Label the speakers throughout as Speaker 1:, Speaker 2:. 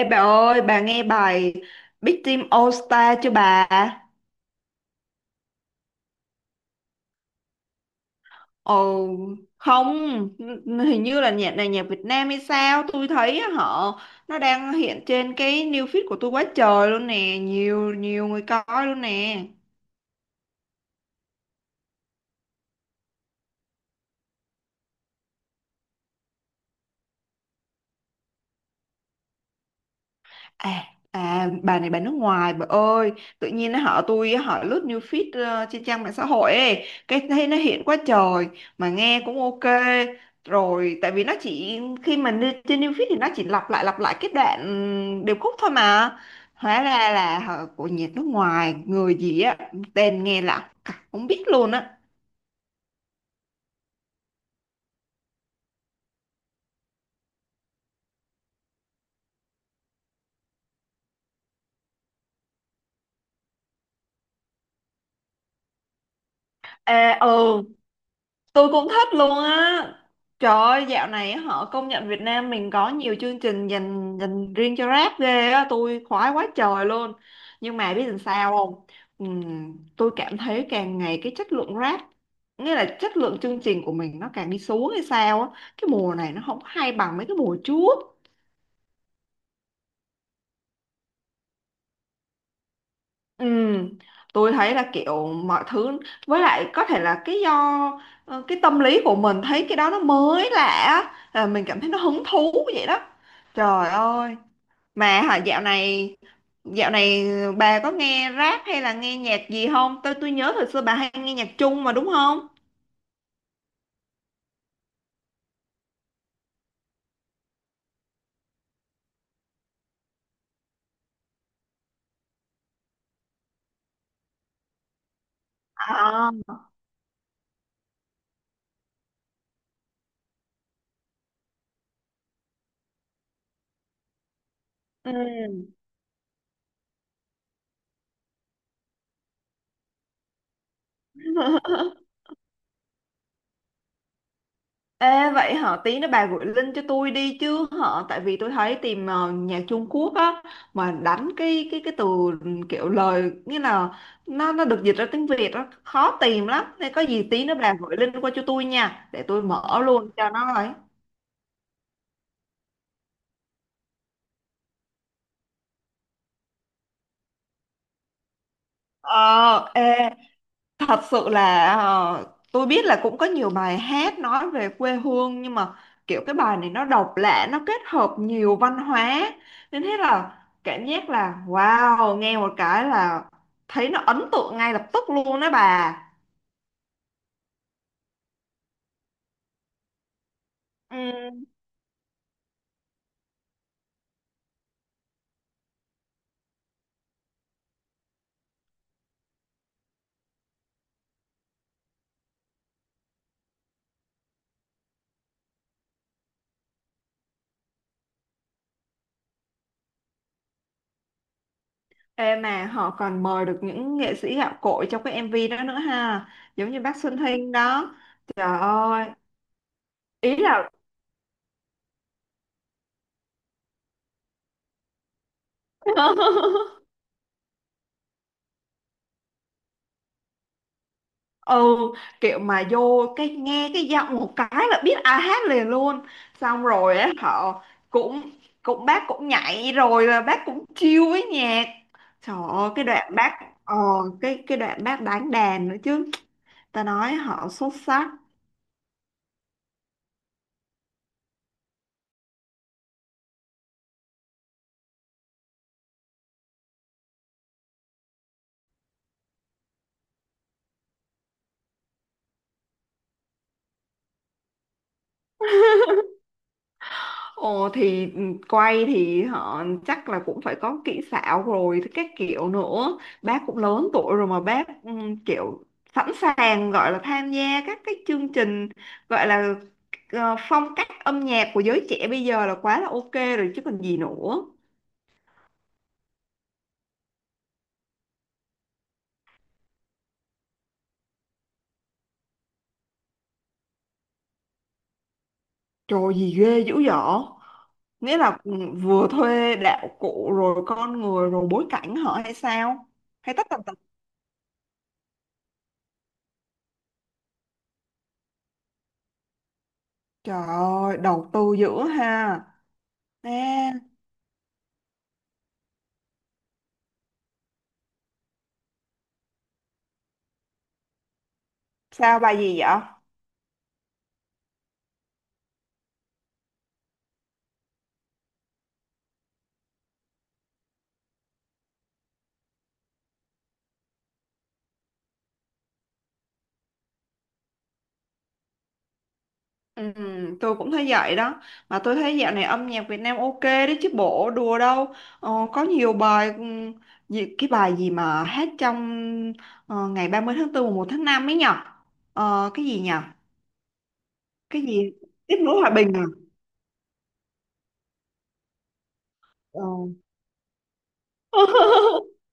Speaker 1: Ê bà ơi, bà nghe bài Big Team All Star chưa bà? Ồ, không, hình như là nhạc này nhạc Việt Nam hay sao? Tôi thấy á, họ nó đang hiện trên cái new feed của tôi quá trời luôn nè, nhiều nhiều người coi luôn nè. À, à, bà này bà nước ngoài bà ơi, tự nhiên nó họ tôi á, họ lướt new feed trên trang mạng xã hội ấy, cái thấy nó hiện quá trời mà nghe cũng ok rồi. Tại vì nó chỉ khi mình lên trên new feed thì nó chỉ lặp lại cái đoạn điệp khúc thôi mà, hóa ra là họ của nhiệt nước ngoài người gì á, tên nghe lạ, không biết luôn á. À, ừ. Tôi cũng thích luôn á. Trời ơi, dạo này họ công nhận Việt Nam mình có nhiều chương trình dành dành riêng cho rap ghê á, tôi khoái quá trời luôn. Nhưng mà biết làm sao không? Tôi cảm thấy càng ngày cái chất lượng rap, nghĩa là chất lượng chương trình của mình nó càng đi xuống hay sao á. Cái mùa này nó không hay bằng mấy cái mùa trước. Ừ, tôi thấy là kiểu mọi thứ, với lại có thể là cái do cái tâm lý của mình thấy cái đó nó mới lạ á, là mình cảm thấy nó hứng thú vậy đó. Trời ơi, mà hả dạo này bà có nghe rap hay là nghe nhạc gì không? Tôi nhớ thời xưa bà hay nghe nhạc Trung mà đúng không? À, ừ. Ê, vậy hả, tí nữa bà gửi link cho tôi đi chứ, hả? Tại vì tôi thấy tìm nhạc Trung Quốc á, mà đánh cái từ kiểu lời, nghĩa là nó được dịch ra tiếng Việt á khó tìm lắm nên có gì tí nữa bà gửi link qua cho tôi nha, để tôi mở luôn cho nó ấy. Ờ ê Thật sự là, tôi biết là cũng có nhiều bài hát nói về quê hương, nhưng mà kiểu cái bài này nó độc lạ, nó kết hợp nhiều văn hóa, nên thế là cảm giác là wow, nghe một cái là thấy nó ấn tượng ngay lập tức luôn đó bà. Ừ. Ê, mà họ còn mời được những nghệ sĩ gạo cội trong cái MV đó nữa ha, giống như bác Xuân Hinh đó. Trời ơi, ý là ừ, kiểu mà vô cái nghe cái giọng một cái là biết ai hát liền luôn. Xong rồi á, họ cũng cũng bác cũng nhảy rồi là bác cũng chill với nhạc. Trời ơi, cái đoạn bác ờ, cái đoạn bác đánh đàn nữa chứ, ta nói họ xuất sắc. Ồ thì quay thì họ chắc là cũng phải có kỹ xảo rồi các kiểu, nữa bác cũng lớn tuổi rồi mà bác kiểu sẵn sàng, gọi là tham gia các cái chương trình, gọi là phong cách âm nhạc của giới trẻ bây giờ là quá là ok rồi chứ còn gì nữa. Trời gì ghê dữ dở, nghĩa là vừa thuê đạo cụ rồi con người rồi bối cảnh họ hay sao? Hay tất tần tật, trời ơi đầu tư dữ ha. Ê, sao bài gì vậy? Ừ, tôi cũng thấy vậy đó, mà tôi thấy dạo này âm nhạc Việt Nam ok đấy chứ, bộ đùa đâu. Có nhiều bài, gì, cái bài gì mà hát trong ngày 30 tháng 4 mùng 1 tháng 5 ấy nhở? Cái gì nhở? Cái gì tiếp nối hòa bình à? Ờ.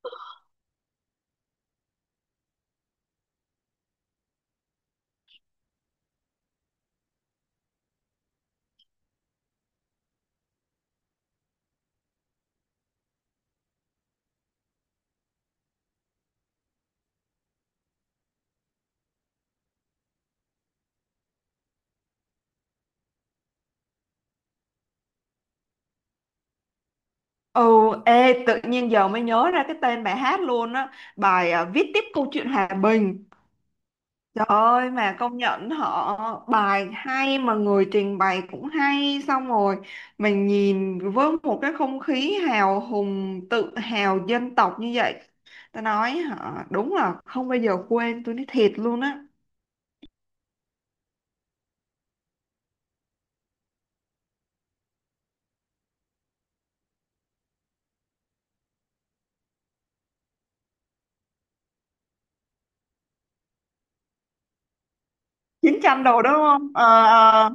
Speaker 1: Ừ. Ê, tự nhiên giờ mới nhớ ra cái tên bài hát luôn á, bài à, viết tiếp câu chuyện hòa bình. Trời ơi, mà công nhận họ bài hay mà người trình bày cũng hay, xong rồi mình nhìn với một cái không khí hào hùng, tự hào dân tộc như vậy, ta nói họ đúng là không bao giờ quên, tôi nói thiệt luôn á. 900 đồ đúng không? Ờ, ờ.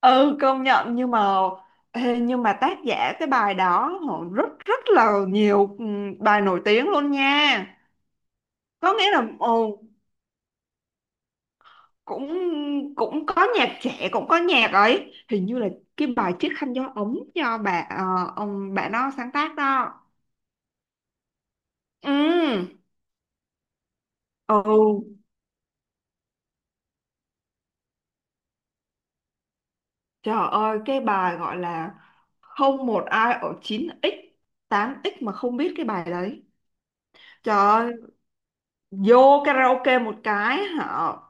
Speaker 1: Ừ, công nhận. Nhưng mà tác giả cái bài đó họ rất rất là nhiều, ừ, bài nổi tiếng luôn nha. Có nghĩa là cũng cũng có nhạc trẻ cũng có nhạc ấy, hình như là cái bài chiếc khăn gió ấm do bà ông bạn nó sáng tác đó. Ừ, ừ. Trời ơi, cái bài gọi là không một ai ở 9x 8x mà không biết cái bài đấy. Trời ơi, vô karaoke một cái họ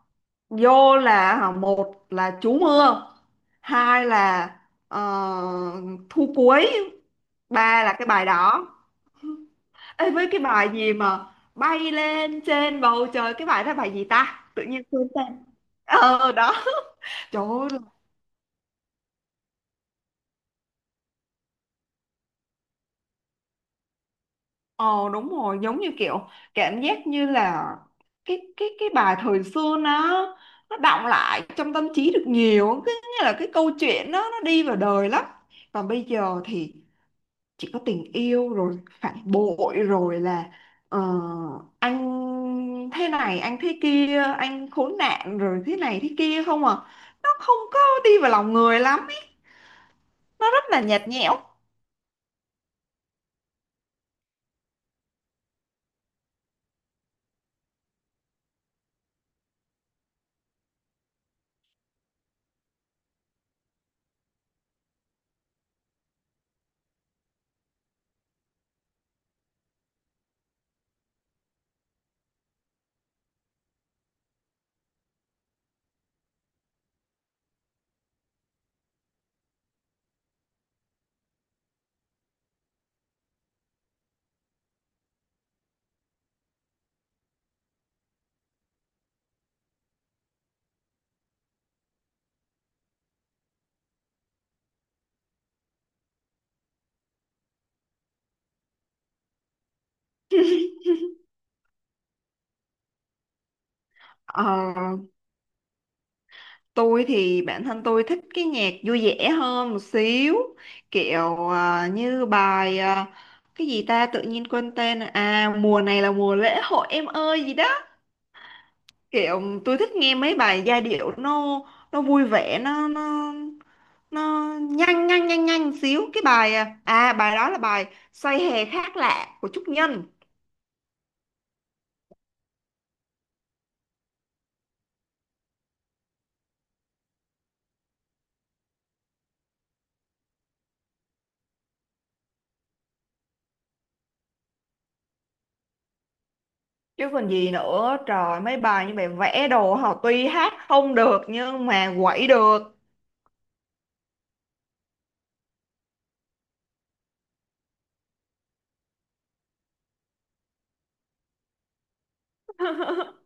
Speaker 1: vô là họ một là trú mưa, hai là ờ, thu cuối, ba là cái bài đó. Ê, với cái bài gì mà bay lên trên bầu trời, cái bài đó bài gì ta, tự nhiên quên tên. Ờ đó. Trời ơi. Ờ, đúng rồi, giống như kiểu cảm giác như là cái bài thời xưa nó đọng lại trong tâm trí được nhiều, cái như là cái câu chuyện đó nó đi vào đời lắm. Còn bây giờ thì chỉ có tình yêu rồi phản bội rồi là ờ, anh thế này anh thế kia anh khốn nạn rồi thế này thế kia không à. Nó không có đi vào lòng người lắm ý. Nó rất là nhạt nhẽo. Ờ, tôi thì bản thân tôi thích cái nhạc vui vẻ hơn một xíu, kiểu như bài cái gì ta tự nhiên quên tên, à mùa này là mùa lễ hội em ơi gì đó, kiểu tôi thích nghe mấy bài giai điệu, nó vui vẻ, nó nhanh nhanh nhanh nhanh xíu. Cái bài bài đó là bài Say hè khác lạ của Trúc Nhân. Chứ còn gì nữa, trời, mấy bài như bài vẽ đồ họ tuy hát không được nhưng mà quẩy được.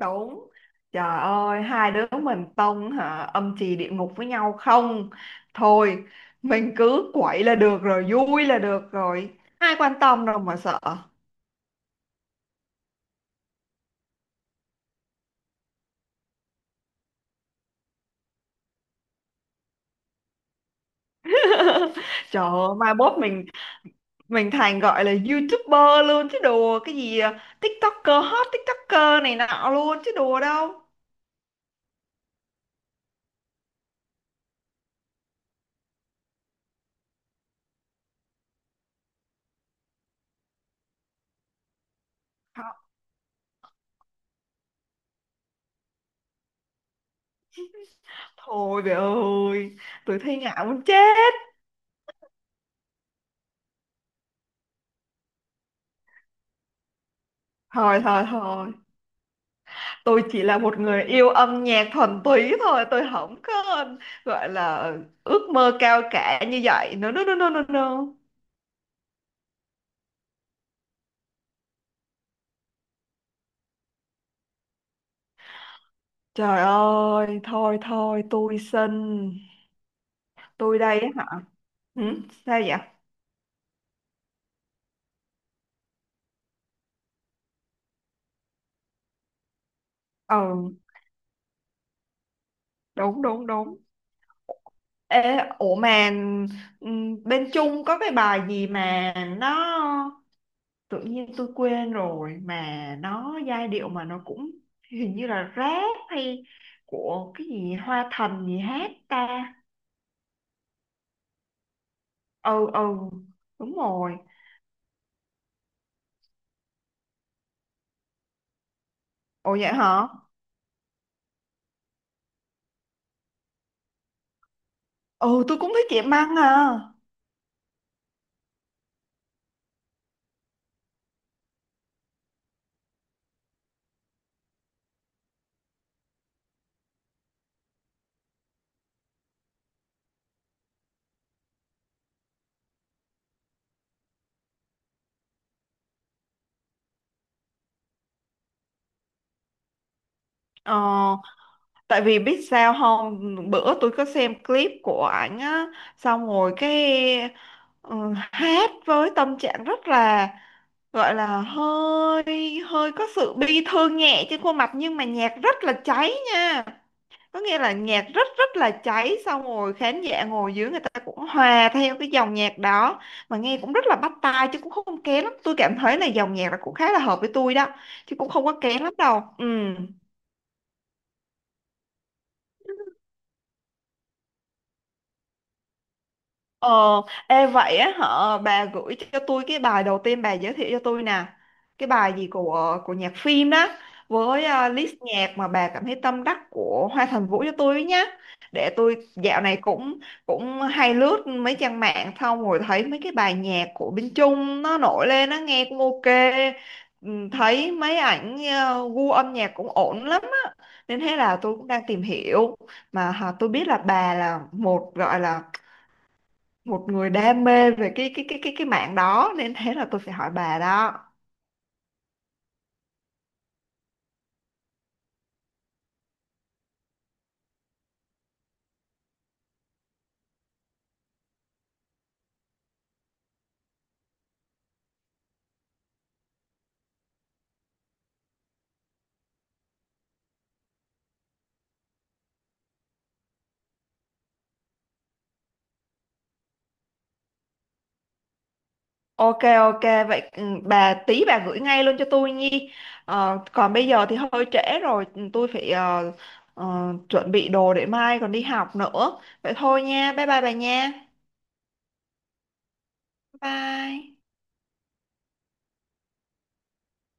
Speaker 1: Đúng. Trời ơi, hai đứa mình tông hả âm trì địa ngục với nhau không? Thôi, mình cứ quậy là được rồi, vui là được rồi, ai quan tâm đâu mà sợ. Trời ơi, mai mốt mình thành, gọi là YouTuber luôn chứ đùa cái gì, à TikToker, hot TikToker này nọ luôn chứ đùa đâu. Thôi thôi về ơi, tôi thấy ngại muốn chết. Thôi thôi thôi, tôi chỉ là một người yêu âm nhạc thuần túy thôi, tôi không có, gọi là ước mơ cao cả như vậy. No no no no no no. Trời ơi, thôi thôi, tôi xin. Tôi đây á hả? Ừ, sao vậy? Ừ, đúng đúng đúng. Ê, ủa mà bên Trung có cái bài gì mà nó tự nhiên tôi quên rồi, mà nó giai điệu mà nó cũng hình như là rap hay, của cái gì Hoa Thần gì hát ta? Ừ, ừ, đúng rồi. Ồ, vậy hả? Ừ, tôi cũng thích chị Măng à. Ờ, tại vì biết sao không, bữa tôi có xem clip của ảnh á, xong rồi cái ừ, hát với tâm trạng rất là, gọi là hơi hơi có sự bi thương nhẹ trên khuôn mặt, nhưng mà nhạc rất là cháy nha, có nghĩa là nhạc rất rất là cháy, xong rồi khán giả ngồi dưới người ta cũng hòa theo cái dòng nhạc đó mà nghe cũng rất là bắt tai, chứ cũng không kén lắm. Tôi cảm thấy là dòng nhạc là cũng khá là hợp với tôi đó, chứ cũng không có kén lắm đâu. Ừ. Ờ, ê vậy á hả, bà gửi cho tôi cái bài đầu tiên bà giới thiệu cho tôi nè. Cái bài gì của nhạc phim đó với list nhạc mà bà cảm thấy tâm đắc của Hoa Thành Vũ cho tôi với nhá. Để tôi dạo này cũng cũng hay lướt mấy trang mạng xong rồi thấy mấy cái bài nhạc của bên Trung nó nổi lên, nó nghe cũng ok. Ừ, thấy mấy ảnh gu âm nhạc cũng ổn lắm á. Nên thế là tôi cũng đang tìm hiểu mà hả, tôi biết là bà là một, gọi là một người đam mê về cái mạng đó nên thế là tôi phải hỏi bà đó. Ok, ok. Vậy bà tí bà gửi ngay luôn cho tôi nhi. Ờ, còn bây giờ thì hơi trễ rồi, tôi phải chuẩn bị đồ để mai còn đi học nữa, vậy thôi nha, bye bye bà nha. Bye.